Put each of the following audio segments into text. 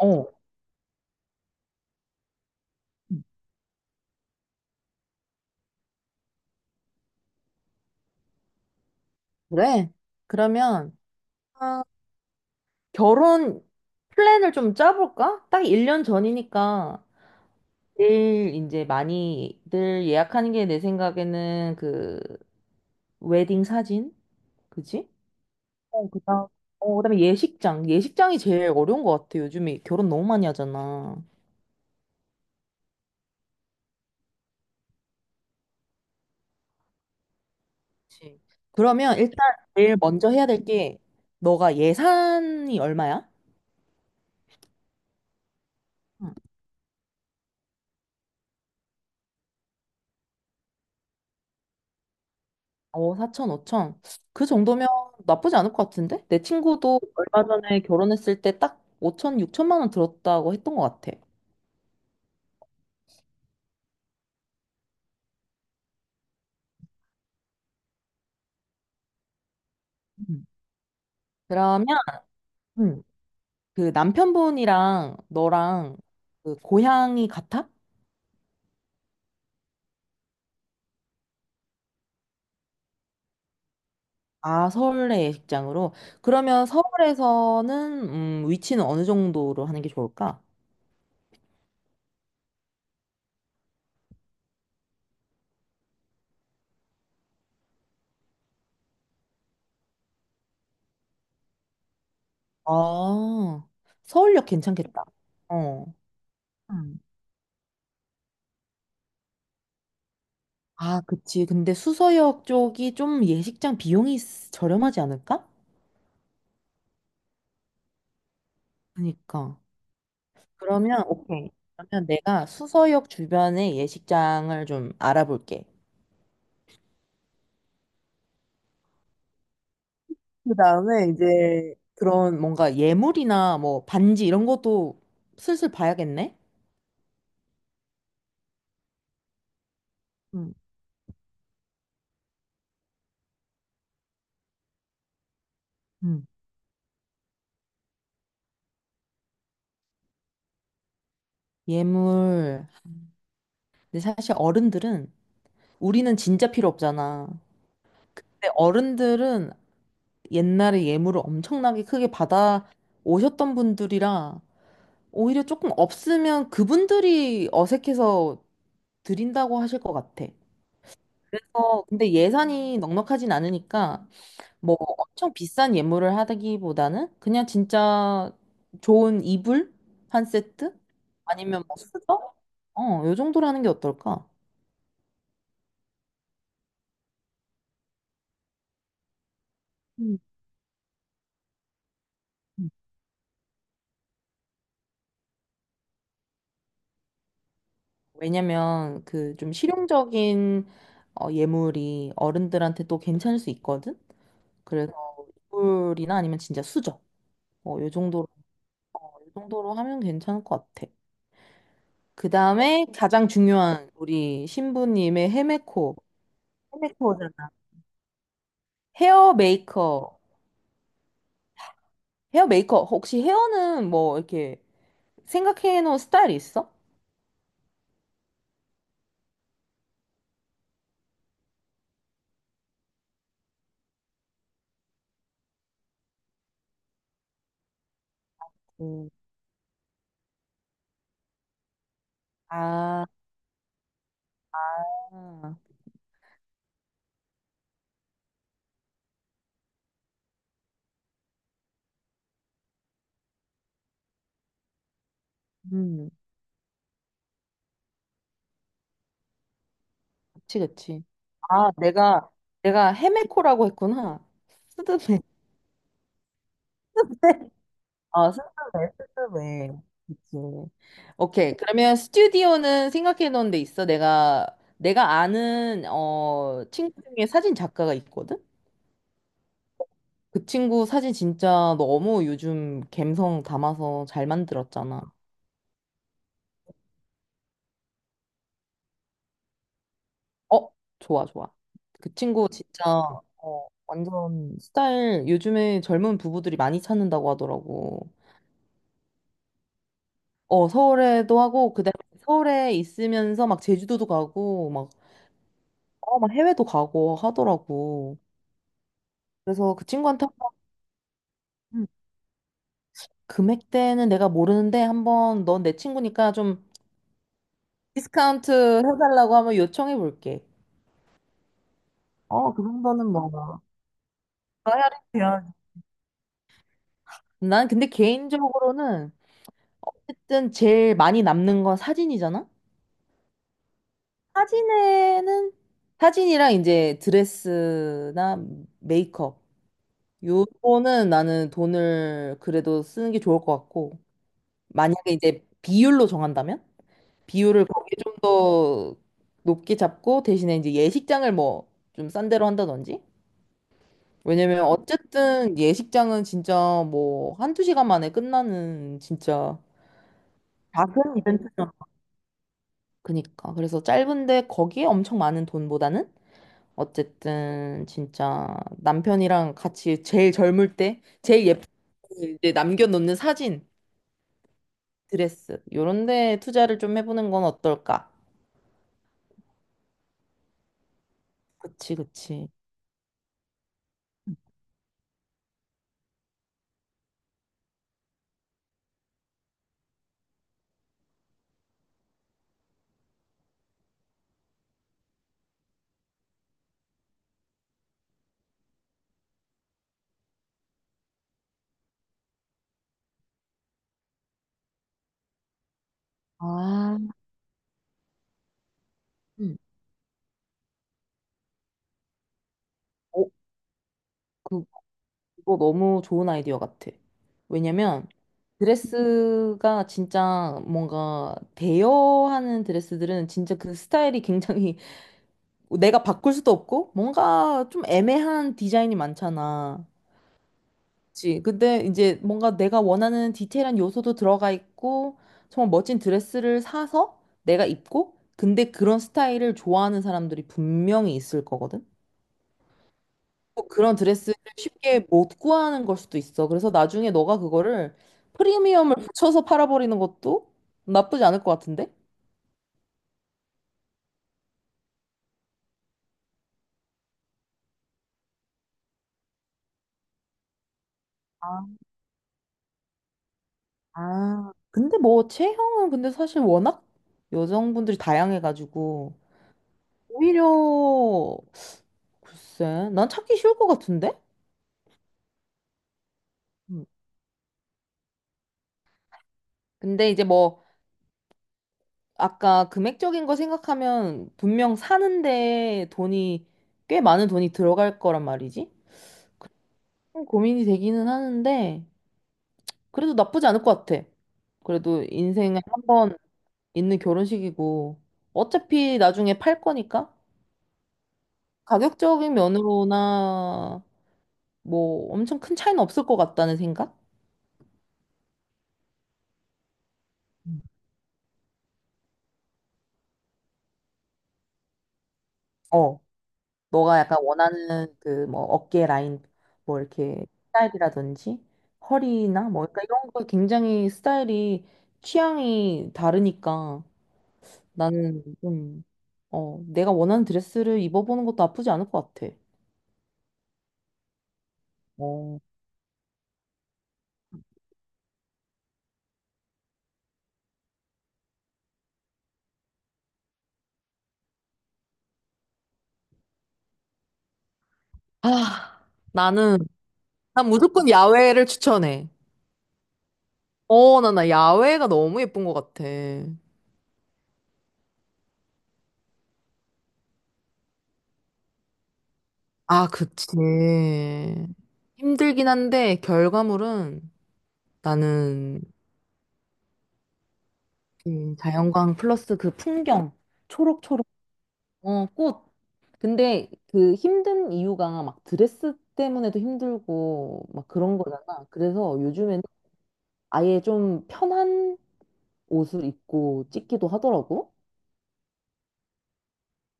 어, 그래? 그러면 아, 결혼 플랜을 좀 짜볼까? 딱 1년 전이니까 제일 이제 많이들 예약하는 게 내 생각에는 그 웨딩 사진? 그지? 어, 그다음에 예식장. 예식장이 제일 어려운 것 같아. 요즘에 결혼 너무 많이 하잖아. 그치. 그러면 일단 제일 먼저 해야 될 게 너가 예산이 얼마야? 어, 4천, 5천. 그 정도면 나쁘지 않을 것 같은데? 내 친구도 얼마 전에 결혼했을 때 딱 5천, 6천만 원 들었다고 했던 것 같아. 음. 그러면 음, 그 남편분이랑 너랑 그 고향이 같아? 아, 서울의 예식장으로. 그러면 서울에서는 위치는 어느 정도로 하는 게 좋을까? 아, 서울역 괜찮겠다. 어. 음. 아, 그치. 근데 수서역 쪽이 좀 예식장 비용이 저렴하지 않을까? 그러니까. 그러면, 오케이. 그러면 내가 수서역 주변의 예식장을 좀 알아볼게. 그 다음에 이제 그런 뭔가 예물이나 뭐 반지 이런 것도 슬슬 봐야겠네? 응, 음. 예물. 근데 사실 어른들은 우리는 진짜 필요 없잖아. 근데 어른들은 옛날에 예물을 엄청나게 크게 받아 오셨던 분들이라 오히려 조금 없으면 그분들이 어색해서 드린다고 하실 것 같아. 그래서 근데 예산이 넉넉하진 않으니까 뭐 엄청 비싼 예물을 하기보다는 그냥 진짜 좋은 이불 한 세트 아니면 뭐 수저 요 정도로 하는 게 어떨까? 음, 음. 왜냐면 그 좀 실용적인 예물이 어른들한테 또 괜찮을 수 있거든. 그래서 이불이나 아니면 진짜 수저 요 정도로 하면 괜찮을 것 같아. 그 다음에 가장 중요한 우리 신부님의 헤메코 헤어 메이커, 헤어 메이커, 혹시 헤어는 뭐 이렇게 생각해 놓은 스타일이 있어? 음, 아, 음, 그치, 그치. 아, 내가 헤메코라고 했구나. 스드메, 스드메. 아, 스드메, 스드메. 그치. 오케이. 그러면 스튜디오는 생각해 놓은 데 있어? 내가 아는, 친구 중에 사진 작가가 있거든? 그 친구 사진 진짜 너무 요즘 감성 담아서 잘 만들었잖아. 어, 좋아, 좋아. 그 친구 진짜 완전 스타일 요즘에 젊은 부부들이 많이 찾는다고 하더라고. 어, 서울에도 하고 그다음에 서울에 있으면서 막 제주도도 가고 막, 어, 막 해외도 가고 하더라고. 그래서 그 친구한테 한번 금액대는 내가 모르는데 한번 넌 내 친구니까 좀 디스카운트 해달라고 한번 요청해 볼게. 어, 그 정도는 뭐. 뭐. 해야 난 근데 개인적으로는 어쨌든 제일 많이 남는 건 사진이잖아? 사진에는 사진이랑 이제 드레스나 메이크업 요거는 나는 돈을 그래도 쓰는 게 좋을 것 같고 만약에 이제 비율로 정한다면 비율을 거기에 좀 더 높게 잡고 대신에 이제 예식장을 뭐 좀 싼 데로 한다든지 왜냐면 어쨌든 예식장은 진짜 뭐 한두 시간 만에 끝나는 진짜 작은 이벤트 그니까. 그래서 짧은데 거기에 엄청 많은 돈보다는 어쨌든 진짜 남편이랑 같이 제일 젊을 때, 제일 예쁘게 이제 남겨놓는 사진, 드레스, 요런 데 투자를 좀 해보는 건 어떨까? 그치, 그치. 아, 음. 어, 그, 그거 너무 좋은 아이디어 같아. 왜냐면 드레스가 진짜 뭔가 대여하는 드레스들은 진짜 그 스타일이 굉장히 내가 바꿀 수도 없고 뭔가 좀 애매한 디자인이 많잖아. 그치? 근데 이제 뭔가 내가 원하는 디테일한 요소도 들어가 있고 정말 멋진 드레스를 사서 내가 입고 근데 그런 스타일을 좋아하는 사람들이 분명히 있을 거거든. 또 그런 드레스를 쉽게 못 구하는 걸 수도 있어. 그래서 나중에 너가 그거를 프리미엄을 붙여서 팔아버리는 것도 나쁘지 않을 것 같은데? 아, 아. 근데 뭐 체형은 근데 사실 워낙 여성분들이 다양해가지고 오히려 글쎄, 난 찾기 쉬울 것 같은데? 음. 근데 이제 뭐, 아까 금액적인 거 생각하면 분명 사는데 꽤 많은 돈이 들어갈 거란 말이지? 좀 고민이 되기는 하는데, 그래도 나쁘지 않을 것 같아. 그래도 인생에 한 번 있는 결혼식이고, 어차피 나중에 팔 거니까? 가격적인 면으로나, 뭐, 엄청 큰 차이는 없을 것 같다는 생각? 음. 어. 너가 약간 원하는 그 뭐 어깨 라인 뭐 이렇게 스타일이라든지 허리나 뭐 그러니까 이런 거 굉장히 스타일이 취향이 다르니까 나는 좀 내가 원하는 드레스를 입어보는 것도 나쁘지 않을 것 같아. 어. 아, 나는 난 무조건 야외를 추천해. 어, 나 야외가 너무 예쁜 것 같아. 아, 그치. 힘들긴 한데 결과물은 나는 자연광 플러스 그 풍경, 초록초록, 꽃. 근데 그 힘든 이유가 막 드레스 때문에도 힘들고 막 그런 거잖아. 그래서 요즘에는 아예 좀 편한 옷을 입고 찍기도 하더라고.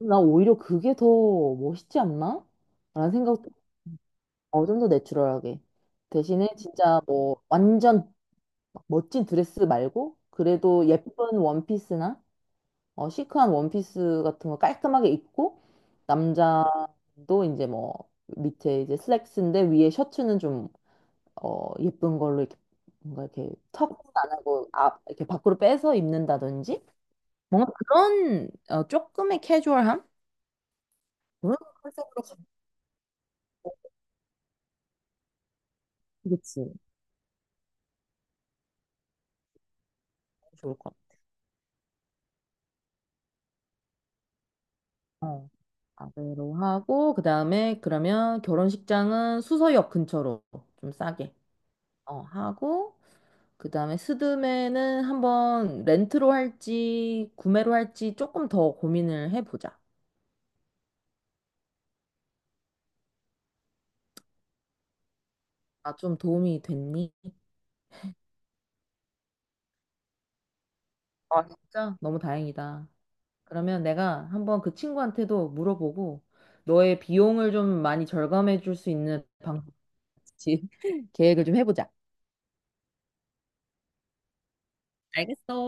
나 오히려 그게 더 멋있지 않나? 라는 생각도 좀 더 내추럴하게. 대신에 진짜 뭐 완전 막 멋진 드레스 말고 그래도 예쁜 원피스나 어, 시크한 원피스 같은 거 깔끔하게 입고 남자도 이제 뭐 밑에 이제 슬랙스인데 위에 셔츠는 좀 예쁜 걸로 이렇게 뭔가 이렇게 턱은 안 하고 앞 이렇게 밖으로 빼서 입는다든지 뭔가 그런 조금의 캐주얼함 그런 컨셉으로 가면 그치 좋을 것 같아. 어. 아래로 하고 그다음에 그러면 결혼식장은 수서역 근처로 좀 싸게 하고 그 다음에 스드메는 한번 렌트로 할지 구매로 할지 조금 더 고민을 해보자. 아, 좀 도움이 됐니? 아, 진짜? 너무 다행이다. 그러면 내가 한번 그 친구한테도 물어보고 너의 비용을 좀 많이 절감해 줄 수 있는 방법지 계획을 좀 해보자. 알겠어.